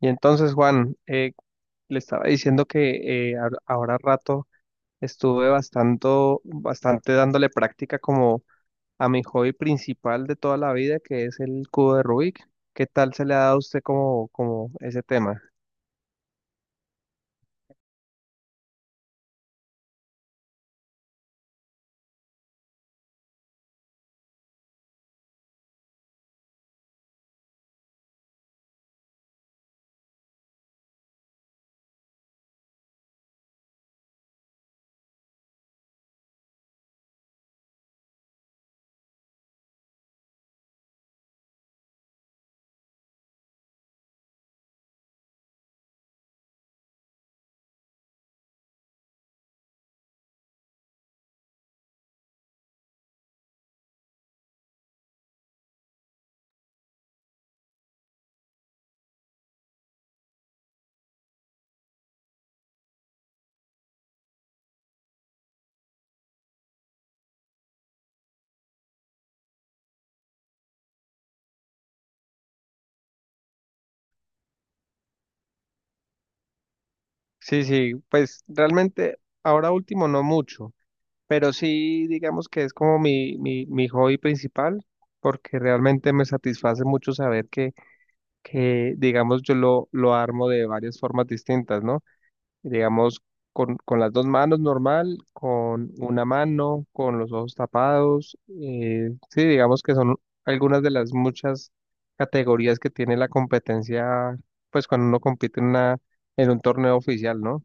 Y entonces, Juan, le estaba diciendo que ahora rato estuve bastante, bastante dándole práctica como a mi hobby principal de toda la vida, que es el cubo de Rubik. ¿Qué tal se le ha dado a usted como, como ese tema? Sí, sí, pues realmente ahora último no mucho, pero sí digamos que es como mi hobby principal, porque realmente me satisface mucho saber que digamos, yo lo armo de varias formas distintas, ¿no? Digamos, con las dos manos normal, con una mano, con los ojos tapados. Sí, digamos que son algunas de las muchas categorías que tiene la competencia, pues cuando uno compite en en un torneo oficial, ¿no?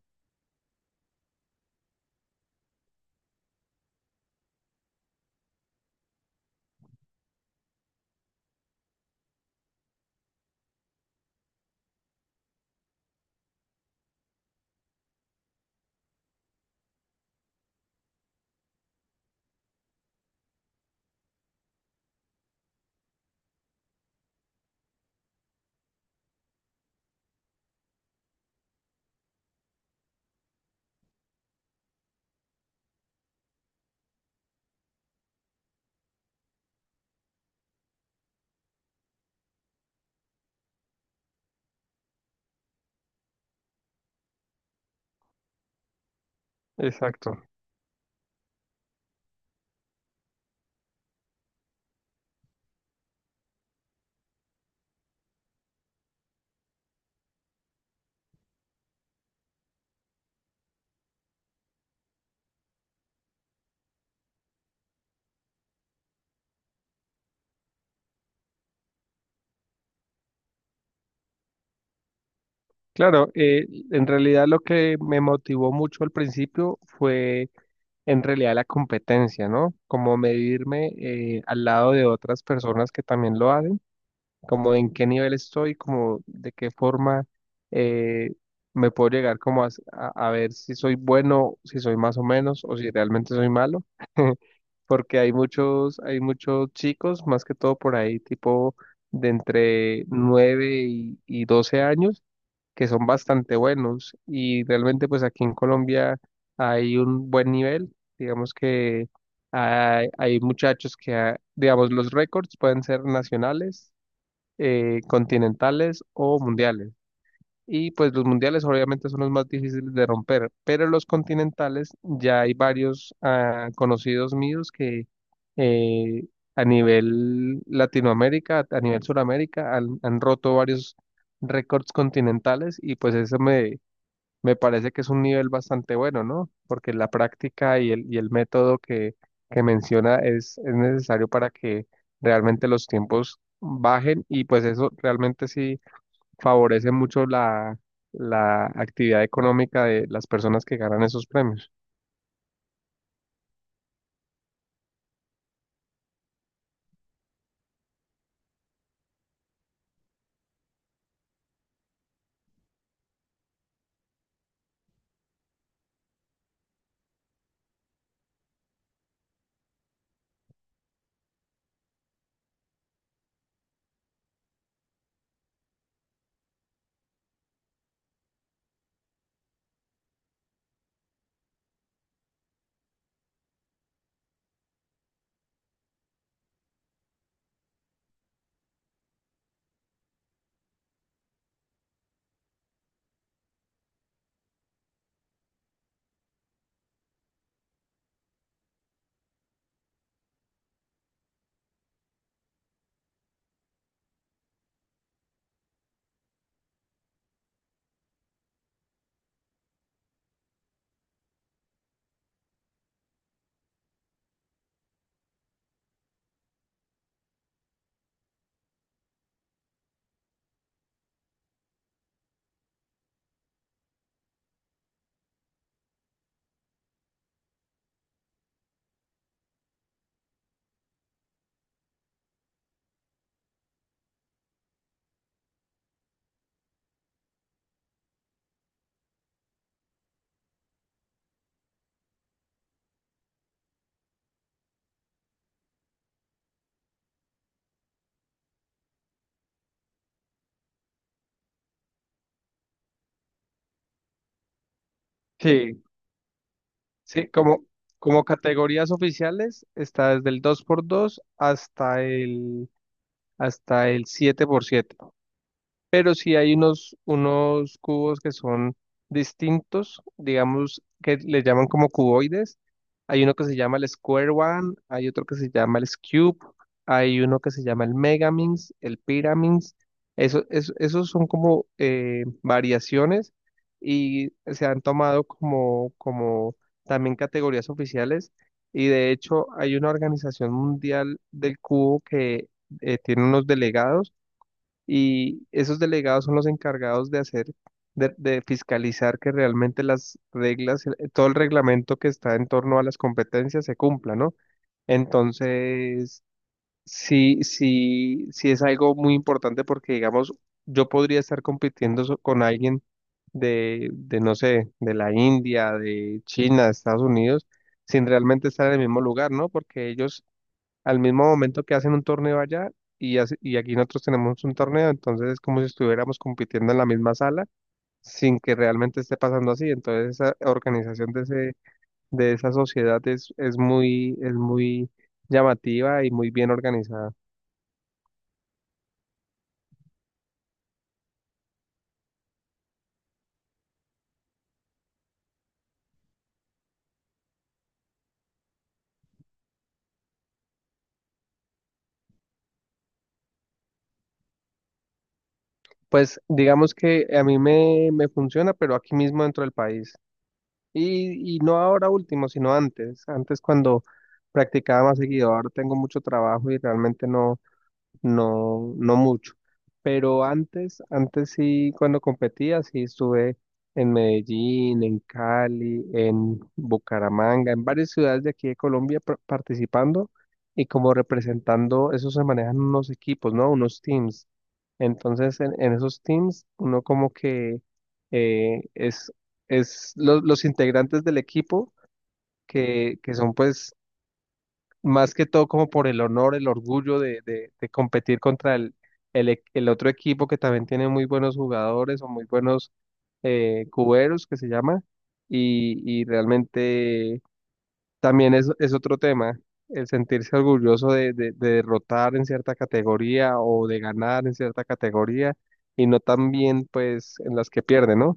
Exacto. Claro, en realidad lo que me motivó mucho al principio fue en realidad la competencia, ¿no? Como medirme, al lado de otras personas que también lo hacen, como en qué nivel estoy, como de qué forma eh, me puedo llegar como a, a ver si soy bueno, si soy más o menos, o si realmente soy malo, porque hay muchos chicos, más que todo por ahí, tipo de entre 9 y 12 años, que son bastante buenos, y realmente pues aquí en Colombia hay un buen nivel, digamos que... Hay muchachos que, ah, digamos, los récords pueden ser nacionales, continentales o mundiales. Y pues los mundiales obviamente son los más difíciles de romper, pero los continentales ya hay varios, ah, conocidos míos que eh, a nivel Latinoamérica, a nivel Suramérica, han, han roto varios récords continentales y pues eso me, me parece que es un nivel bastante bueno, ¿no? Porque la práctica y y el método que menciona es necesario para que realmente los tiempos bajen y pues eso realmente sí favorece mucho la, la actividad económica de las personas que ganan esos premios. Sí, sí, como, como categorías oficiales está desde el 2x2 hasta hasta el 7x7. Pero sí hay unos, unos cubos que son distintos, digamos, que le llaman como cuboides. Hay uno que se llama el Square One, hay otro que se llama el Cube, hay uno que se llama el Megamins, el Pyraminx. Eso, esos son como variaciones y se han tomado como, como también categorías oficiales. Y de hecho hay una organización mundial del cubo que tiene unos delegados y esos delegados son los encargados de hacer, de fiscalizar que realmente las reglas, todo el reglamento que está en torno a las competencias se cumpla, ¿no? Entonces, sí, sí, sí es algo muy importante porque, digamos, yo podría estar compitiendo con alguien de no sé, de la India, de China, de Estados Unidos, sin realmente estar en el mismo lugar, ¿no? Porque ellos al mismo momento que hacen un torneo allá y, y aquí nosotros tenemos un torneo, entonces es como si estuviéramos compitiendo en la misma sala sin que realmente esté pasando así. Entonces esa organización de ese, de esa sociedad es muy llamativa y muy bien organizada. Pues digamos que a mí me, me funciona, pero aquí mismo dentro del país. Y no ahora último, sino antes. Antes cuando practicaba más seguido, ahora tengo mucho trabajo y realmente no mucho. Pero antes, antes sí, cuando competía, sí estuve en Medellín, en Cali, en Bucaramanga, en varias ciudades de aquí de Colombia participando y como representando, eso se manejan unos equipos, ¿no? Unos teams. Entonces, en esos teams, uno como que eh, es, es los integrantes del equipo que son pues más que todo como por el honor, el orgullo de, de competir contra el otro equipo que también tiene muy buenos jugadores o muy buenos cuberos que se llama, y realmente también es otro tema, el sentirse orgulloso de, de derrotar en cierta categoría o de ganar en cierta categoría y no también pues en las que pierde, ¿no?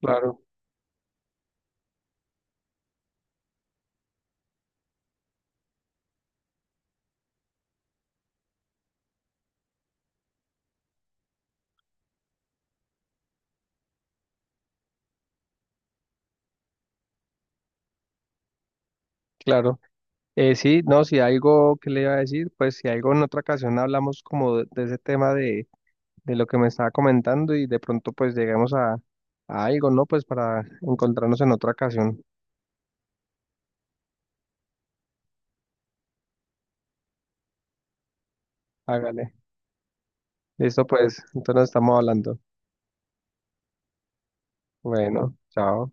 Claro, claro. Sí, no, si algo que le iba a decir, pues si algo en otra ocasión hablamos como de ese tema de lo que me estaba comentando y de pronto pues lleguemos a algo, ¿no? Pues para encontrarnos en otra ocasión. Hágale. Listo, pues, entonces nos estamos hablando. Bueno, chao.